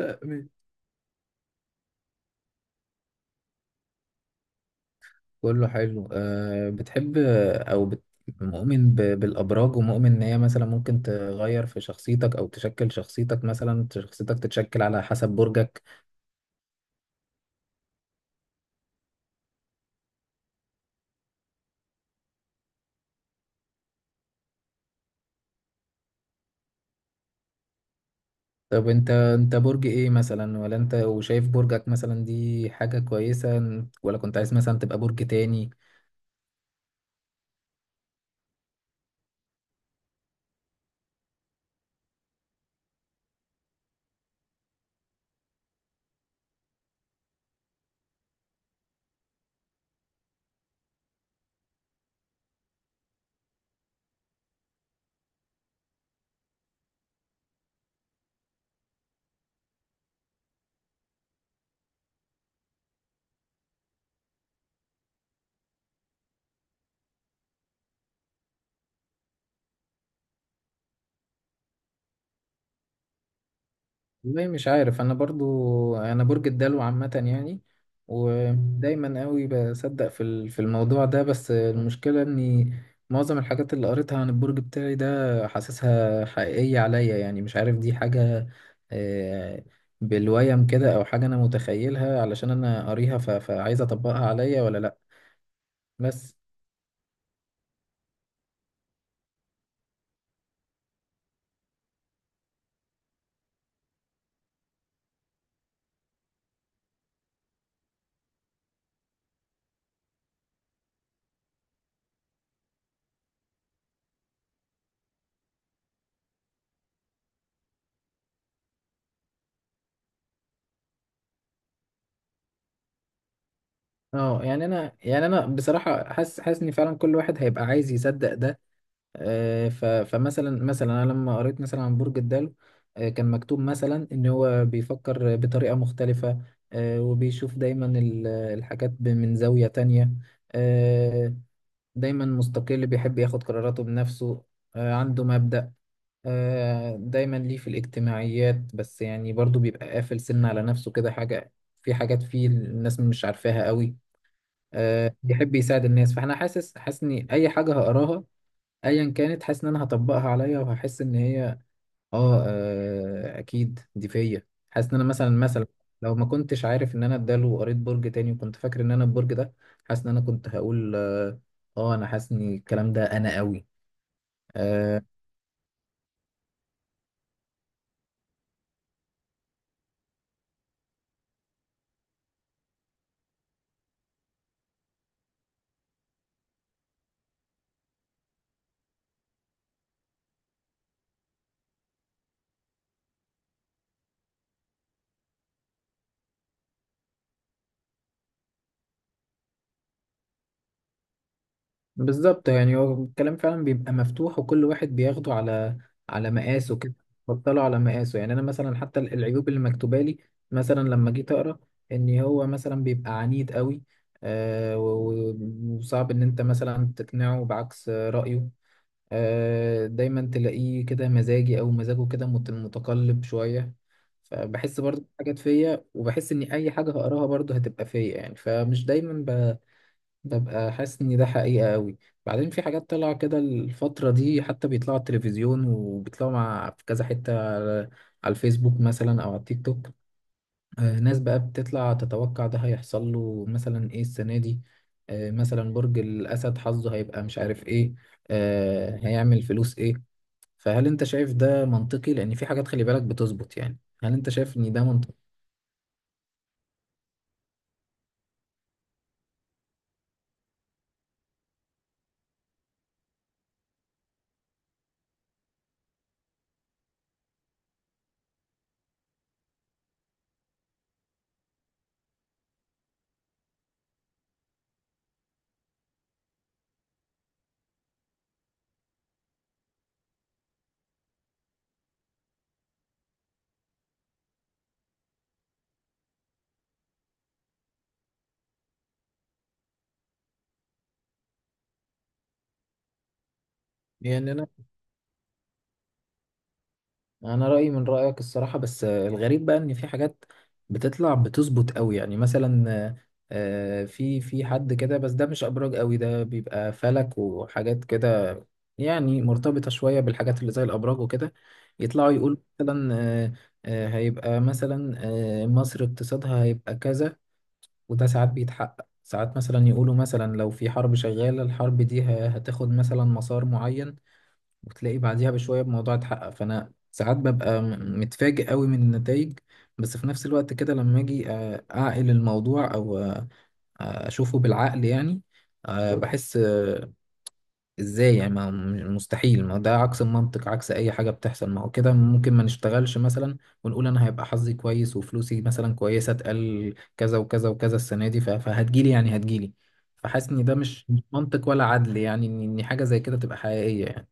أمين، كله حلو. بتحب مؤمن بالابراج، ومؤمن ان هي مثلا ممكن تغير في شخصيتك او تشكل شخصيتك، مثلا شخصيتك تتشكل على حسب برجك؟ طب انت برج ايه مثلا، ولا انت وشايف برجك مثلا دي حاجة كويسة، ولا كنت عايز مثلا تبقى برج تاني؟ والله مش عارف انا، برضو انا برج الدلو عامة يعني. ودايما قوي بصدق في في الموضوع ده، بس المشكلة اني معظم الحاجات اللي قريتها عن البرج بتاعي ده حاسسها حقيقية عليا، يعني مش عارف دي حاجة آه، بالويم كده او حاجة انا متخيلها علشان انا قاريها، فعايز اطبقها عليا ولا لا. بس اه يعني انا بصراحة حاسس ان فعلا كل واحد هيبقى عايز يصدق ده. فمثلا انا لما قريت مثلا عن برج الدلو، كان مكتوب مثلا ان هو بيفكر بطريقة مختلفة، وبيشوف دايما الحاجات من زاوية تانية. آه، دايما مستقل، بيحب ياخد قراراته بنفسه، عنده مبدأ، دايما ليه في الاجتماعيات، بس يعني برضو بيبقى قافل سن على نفسه كده حاجة، في حاجات فيه الناس مش عارفاها قوي. بيحب يساعد الناس، فاحنا حاسس ان اي حاجة هقراها ايا كانت، حاسس ان انا هطبقها عليا وهحس ان هي اكيد دي فيا. حاسس ان انا مثلا لو ما كنتش عارف ان انا اداله وقريت برج تاني وكنت فاكر ان انا البرج ده، حاسس ان انا كنت هقول اه. انا حاسس ان الكلام ده انا قوي. بالظبط، يعني هو الكلام فعلا بيبقى مفتوح وكل واحد بياخده على مقاسه كده. بطله على مقاسه، يعني انا مثلا حتى العيوب اللي مكتوبه لي مثلا لما جيت اقرا ان هو مثلا بيبقى عنيد قوي، وصعب ان انت مثلا تقنعه بعكس رايه. دايما تلاقيه كده مزاجي، او مزاجه كده متقلب شويه. فبحس برضه في حاجات فيا، وبحس ان اي حاجه هقراها برضه هتبقى فيا يعني، فمش دايما ببقى حاسس ان ده حقيقة قوي. بعدين في حاجات طالعة كده الفترة دي، حتى بيطلعوا على التلفزيون وبيطلعوا مع في كذا حتة على الفيسبوك مثلا او على التيك توك. ناس بقى بتطلع تتوقع ده هيحصل له مثلا ايه السنة دي، مثلا برج الاسد حظه هيبقى مش عارف ايه، هيعمل فلوس ايه. فهل انت شايف ده منطقي؟ لان في حاجات خلي بالك بتظبط يعني. هل انت شايف ان ده منطقي؟ يعني انا رايي من رايك الصراحه، بس الغريب بقى ان في حاجات بتطلع بتظبط قوي يعني، مثلا في حد كده، بس ده مش ابراج قوي، ده بيبقى فلك وحاجات كده، يعني مرتبطه شويه بالحاجات اللي زي الابراج وكده. يطلعوا يقول مثلا آه، هيبقى مثلا مصر اقتصادها هيبقى كذا، وده ساعات بيتحقق. ساعات مثلا يقولوا مثلا لو في حرب شغاله، الحرب دي هتاخد مثلا مسار معين، وتلاقي بعديها بشوية الموضوع اتحقق، فأنا ساعات ببقى متفاجئ قوي من النتائج. بس في نفس الوقت كده لما أجي أعقل الموضوع أو أشوفه بالعقل يعني، بحس إزاي يعني، ما هو مستحيل، ما ده عكس المنطق، عكس أي حاجة بتحصل. ما هو كده ممكن ما نشتغلش مثلا ونقول أنا هيبقى حظي كويس وفلوسي مثلا كويسة، اتقال كذا وكذا وكذا السنة دي، فهتجيلي يعني هتجيلي. فحاسس إن ده مش منطق ولا عدل يعني، إن حاجة زي كده تبقى حقيقية يعني.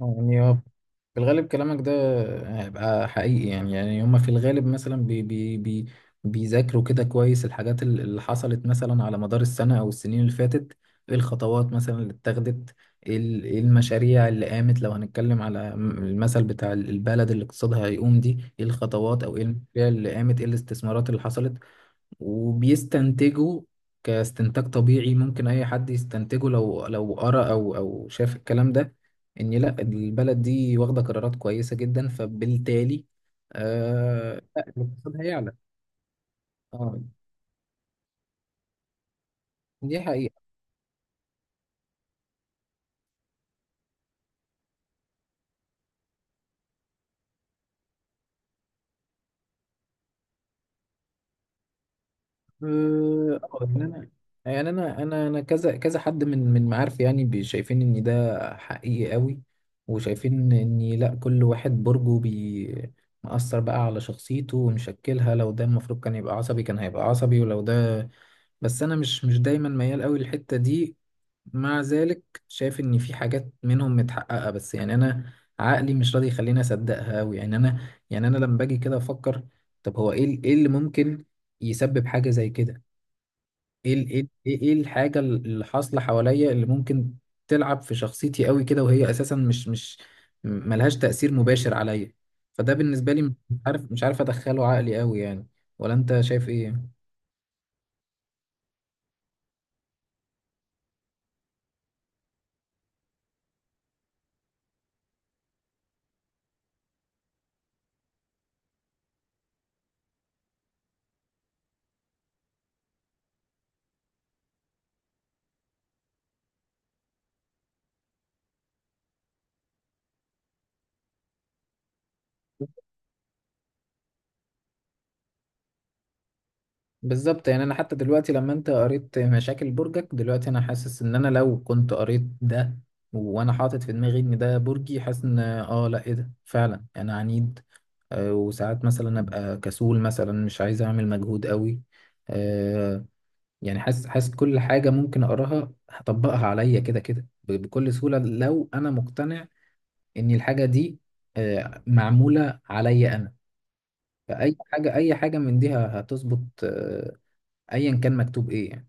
يعني هو في الغالب كلامك ده هيبقى حقيقي، يعني هما في الغالب مثلا بي بي بي بيذاكروا كده كويس الحاجات اللي حصلت مثلا على مدار السنة أو السنين اللي فاتت، ايه الخطوات مثلا اللي اتخذت، ايه إيه المشاريع اللي قامت. لو هنتكلم على المثل بتاع البلد اللي اقتصادها هيقوم دي، ايه الخطوات أو ايه المشاريع اللي قامت، ايه الاستثمارات اللي حصلت. وبيستنتجوا كاستنتاج طبيعي ممكن اي حد يستنتجه، لو قرأ او شاف الكلام ده، ان لا البلد دي واخده قرارات كويسه جدا، فبالتالي آه لا الاقتصاد هيعلى. اه، دي حقيقة. اه يعني انا كذا كذا حد من معارفي، يعني شايفين ان ده حقيقي قوي، وشايفين ان لا كل واحد برجه مأثر بقى على شخصيته ومشكلها، لو ده المفروض كان يبقى عصبي كان هيبقى عصبي، ولو ده بس انا مش دايما ميال قوي للحتة دي. مع ذلك شايف ان في حاجات منهم متحققة، بس يعني انا عقلي مش راضي يخليني اصدقها قوي يعني. انا يعني انا لما باجي كده افكر طب هو ايه ايه اللي ممكن يسبب حاجة زي كده، ايه إيه الحاجة اللي حاصلة حواليا اللي ممكن تلعب في شخصيتي قوي كده، وهي اساسا مش مش م- ملهاش تأثير مباشر عليا. فده بالنسبة لي مش عارف، مش عارف ادخله عقلي قوي يعني. ولا انت شايف ايه؟ بالظبط، يعني انا حتى دلوقتي لما انت قريت مشاكل برجك دلوقتي، انا حاسس ان انا لو كنت قريت ده وانا حاطط في دماغي ان ده برجي، حاسس ان اه لا ايه ده، فعلا انا عنيد، وساعات مثلا ابقى كسول مثلا مش عايز اعمل مجهود قوي. آه، يعني حاسس كل حاجة ممكن أقراها هطبقها عليا كده كده، بكل سهولة لو أنا مقتنع إن الحاجة دي معمولة عليا أنا. فأي حاجة أي حاجة من دي هتظبط، أيا كان مكتوب إيه يعني.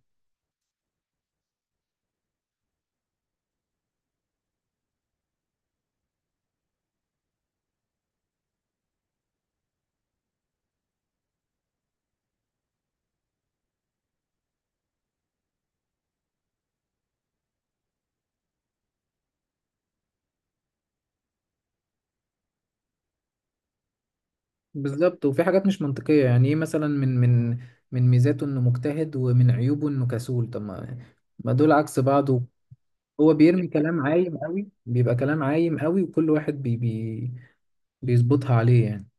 بالظبط، وفي حاجات مش منطقية يعني، إيه مثلا من من ميزاته إنه مجتهد، ومن عيوبه إنه كسول، طب ما دول عكس بعض. هو بيرمي كلام عايم قوي، بيبقى كلام عايم قوي، وكل واحد بي بي بيظبطها عليه يعني